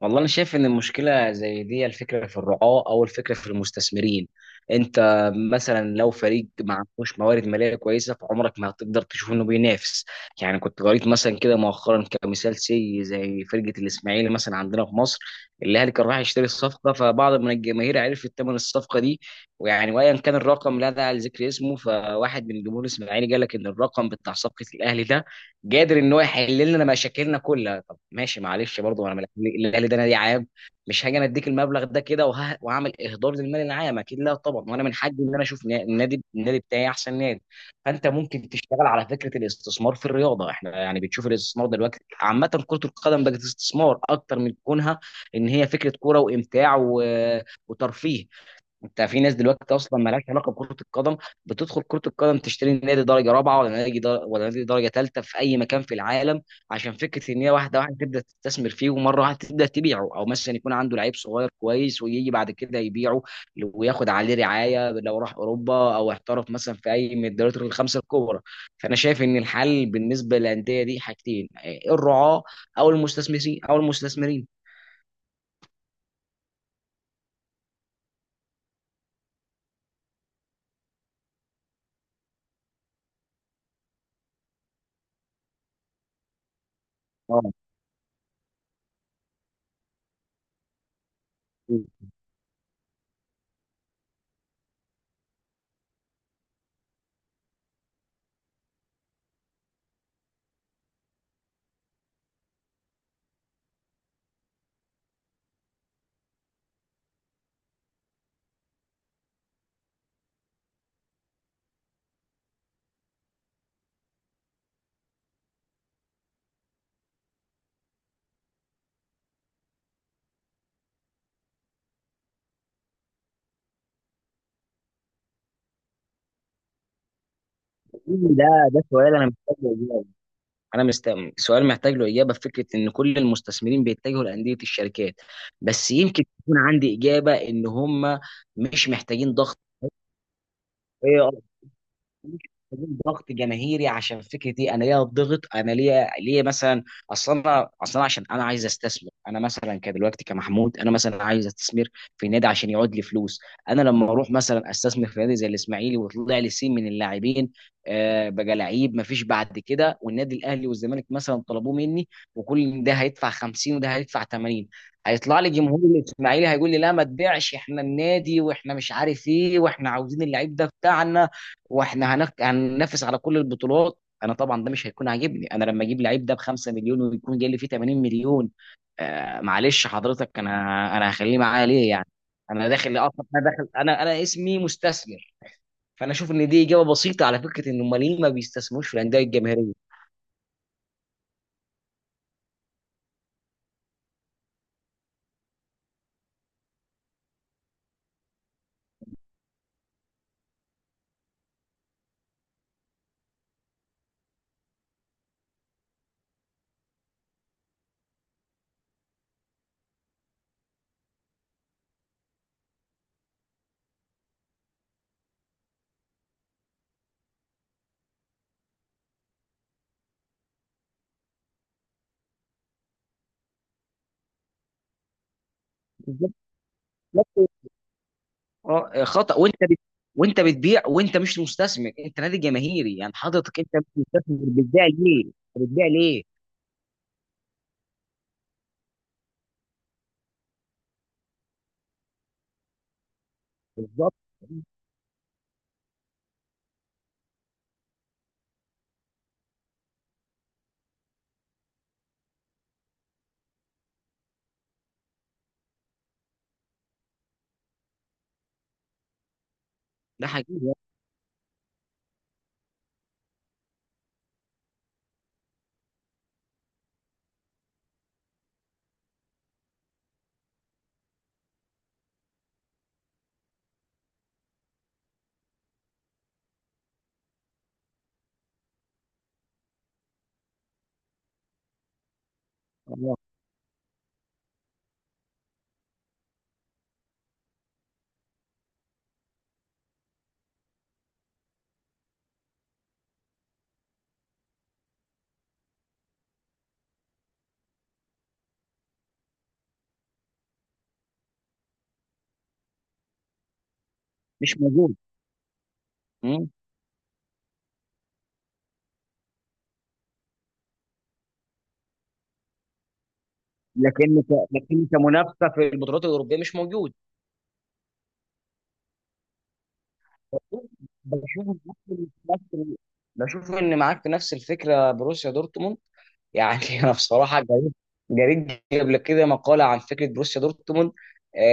والله انا شايف ان المشكله زي دي الفكره في الرعاه او الفكره في المستثمرين. انت مثلا لو فريق ما عندوش موارد ماليه كويسه فعمرك ما هتقدر تشوف انه بينافس. يعني كنت قريت مثلا كده مؤخرا كمثال سي زي فرقه الاسماعيلي مثلا عندنا في مصر، الاهلي كان راح يشتري الصفقه، فبعض من الجماهير عرفت ثمن الصفقه دي، ويعني وايا كان الرقم لا داعي لذكر اسمه، فواحد من جمهور الاسماعيلي قال لك ان الرقم بتاع صفقه الاهلي ده قادر ان هو يحل لنا مشاكلنا كلها. ماشي، معلش، برضه انا الاهلي ده نادي عام، مش هاجي انا اديك المبلغ ده كده وهعمل اهدار للمال العام، اكيد لا طبعا. وانا من حقي ان انا اشوف النادي بتاعي احسن نادي. فانت ممكن تشتغل على فكره الاستثمار في الرياضه. احنا يعني بتشوف الاستثمار دلوقتي، عامه كره القدم بقت استثمار اكتر من كونها ان هي فكره كوره وامتاع وترفيه. انت في ناس دلوقتي اصلا مالهاش علاقه بكره القدم، بتدخل كره القدم تشتري نادي درجه رابعه ولا ولا نادي درجه ثالثه في اي مكان في العالم، عشان فكره ان هي واحده واحده تبدا تستثمر فيه ومره واحده تبدا تبيعه، او مثلا يكون عنده لعيب صغير كويس ويجي بعد كده يبيعه وياخد عليه رعايه لو راح اوروبا او احترف مثلا في اي من الدوريات الخمسه الكبرى. فانا شايف ان الحل بالنسبه للانديه دي حاجتين، الرعاه او المستثمرين اه، ده سؤال انا محتاج، انا مست... سؤال محتاج له اجابه في فكره ان كل المستثمرين بيتجهوا لانديه الشركات. بس يمكن تكون عندي اجابه ان هم مش محتاجين ضغط، محتاجين ضغط جماهيري. عشان فكره ايه، انا ليا ضغط؟ انا ليا مثلا اصلا، انا اصلا عشان انا عايز استثمر، انا مثلا كدلوقتي كمحمود انا مثلا عايز استثمر في نادي عشان يعود لي فلوس. انا لما اروح مثلا استثمر في نادي زي الاسماعيلي وطلع لي سين من اللاعبين، آه بقى لعيب مفيش بعد كده، والنادي الاهلي والزمالك مثلا طلبوه مني، وكل ده هيدفع 50 وده هيدفع 80، هيطلع لي جمهور الاسماعيلي هيقول لي لا ما تبيعش، احنا النادي واحنا مش عارف ايه واحنا عاوزين اللعيب ده بتاعنا، واحنا هننافس على كل البطولات. انا طبعا ده مش هيكون عاجبني، انا لما اجيب لعيب ده ب 5 مليون ويكون جاي لي فيه 80 مليون، آه معلش حضرتك، انا هخليه معايا ليه يعني؟ انا داخل اصلا، انا داخل، انا اسمي مستثمر. فانا اشوف ان دي اجابه بسيطه على فكره ان امال ليه ما بيستثمروش في الانديه الجماهيريه. بالظبط. اه، خطا، وانت بتبيع وانت مش مستثمر، انت نادي جماهيري، يعني حضرتك انت مش مستثمر، بتبيع ليه؟ بالظبط. ده حقيقي. اه. مش موجود. لكن كمنافسه في البطولات الاوروبيه مش موجود. بشوف إن معاك- بشوف ان معاك في نفس الفكره بروسيا دورتموند. يعني انا بصراحه جريت قبل كده مقاله عن فكره بروسيا دورتموند،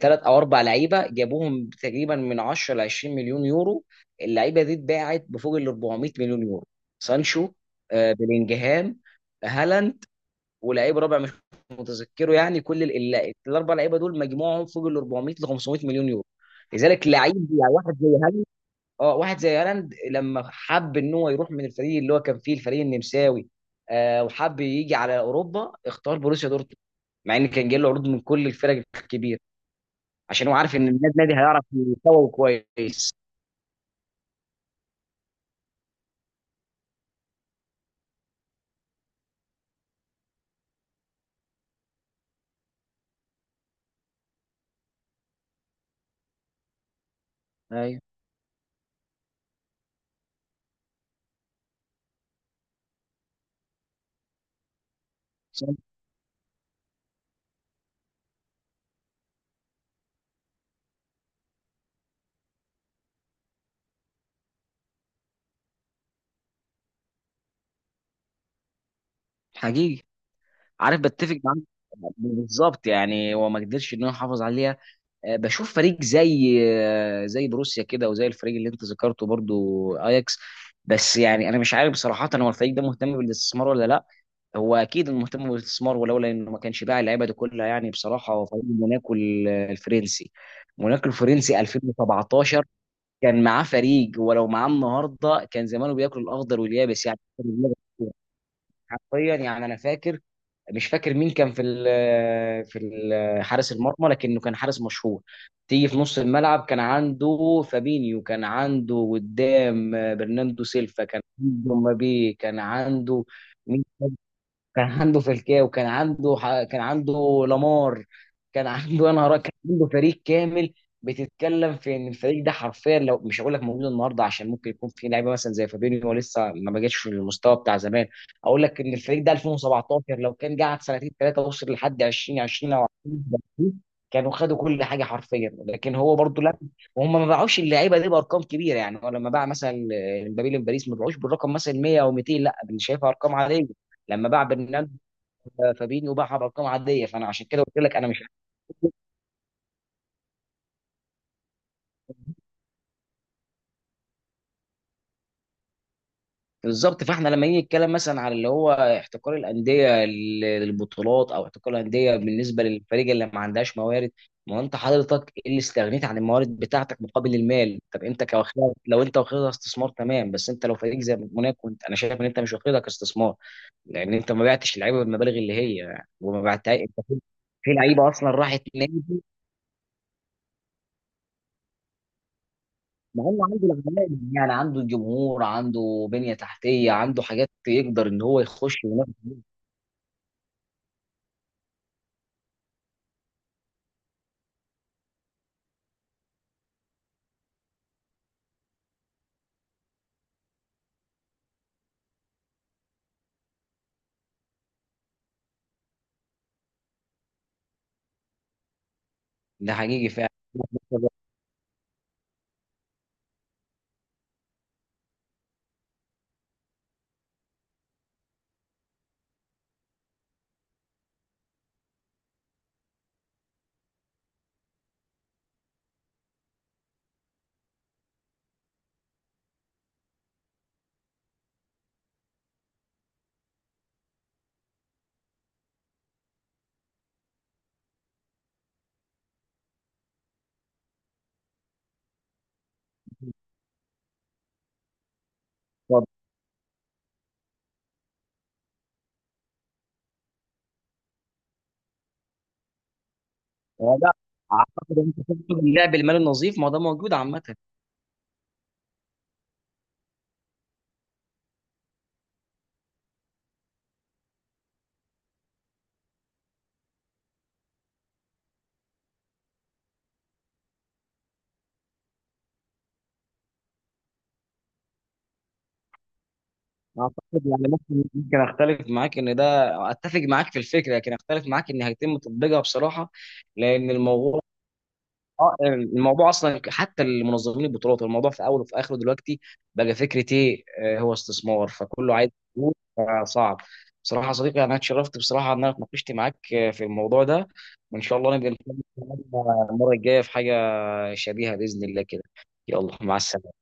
ثلاث او اربع لعيبه جابوهم تقريبا من 10 ل 20 مليون يورو، اللعيبه دي اتباعت بفوق ال 400 مليون يورو. سانشو، بلينجهام، هالاند، ولعيب رابع مش متذكره. يعني كل الاربع لعيبه دول مجموعهم فوق ال 400 ل 500 مليون يورو. لذلك لعيب يعني واحد زي هالاند، اه واحد زي هالاند لما حب ان هو يروح من الفريق اللي هو كان فيه الفريق النمساوي، وحب يجي على اوروبا، اختار بروسيا دورتموند، مع ان كان جاي له عروض من كل الفرق الكبيره، عشان هو عارف ان النادي نادي هيعرف يسوق كويس. ايوه. صح. حقيقي. عارف بتفق معاك بالظبط، يعني هو ما قدرش ان هو يحافظ عليه. بشوف فريق زي زي بروسيا كده، وزي الفريق اللي انت ذكرته برضو اياكس. بس يعني انا مش عارف بصراحه هو الفريق ده مهتم بالاستثمار ولا لا. هو اكيد مهتم بالاستثمار، ولولا انه ما كانش باع اللعيبه دي كلها. يعني بصراحه هو فريق موناكو الفرنسي، موناكو الفرنسي 2017 كان معاه فريق، ولو معاه النهارده كان زمانه بياكل الاخضر واليابس يعني. حرفيا، يعني انا فاكر، مش فاكر مين كان في حارس المرمى لكنه كان حارس مشهور. تيجي في نص الملعب كان عنده فابينيو، كان عنده قدام برناندو سيلفا، كان عنده مبابي، كان عنده فالكاو، كان عنده كان عنده لامار، كان عنده انا هراء، كان عنده فريق كامل. بتتكلم في ان الفريق ده حرفيا لو مش هقول لك موجود النهارده، عشان ممكن يكون في لعيبه مثلا زي فابينيو لسه ما بقتش في المستوى بتاع زمان. اقول لك ان الفريق ده 2017 لو كان قعد سنتين ثلاثه وصل لحد 2020 او 2030، كانوا خدوا كل حاجه حرفيا. لكن هو برضو لا، وهم ما باعوش اللعيبه دي بارقام كبيره، يعني هو لما باع مثلا مبابي لباريس ما باعوش بالرقم مثلا 100 او 200، لا أنا شايفها ارقام عاديه. لما باع برنامج فابينيو باعها بارقام عاديه. فانا عشان كده قلت لك انا مش بالظبط. فاحنا لما نيجي نتكلم مثلا على اللي هو احتكار الانديه للبطولات، او احتكار الانديه بالنسبه للفريق اللي ما عندهاش موارد، ما هو انت حضرتك إيه اللي استغنيت عن الموارد بتاعتك مقابل المال؟ طب انت كواخدها، لو انت واخدها استثمار تمام، بس انت لو فريق زي موناكو، انت انا شايف ان انت مش واخدها كاستثمار، لان انت ما بعتش اللعيبه بالمبالغ اللي هي، وما بعتها انت في لعيبه اصلا راحت نادي. ما هو عنده العمال، يعني عنده الجمهور، عنده بنية تحتية، عنده حاجات يقدر ان هو يخش وينافس بيها. ده حقيقي فعلا. هو ده. اعتقد انت تقصد اللعب المالي النظيف، ما هو ده موجود عامة. اعتقد يعني ممكن اختلف معاك ان ده، اتفق معاك في الفكرة لكن اختلف معاك ان هيتم تطبيقها بصراحة، لان الموضوع، اه الموضوع اصلا حتى المنظمين البطولات الموضوع في اوله وفي اخره دلوقتي بقى فكره ايه، هو استثمار، فكله عايز فلوس، فصعب. بصراحه يا صديقي انا اتشرفت بصراحه ان انا اتناقشت معاك في الموضوع ده. وان شاء الله نبقى نتكلم المره الجايه في حاجه شبيهه باذن الله كده. يلا، مع السلامه.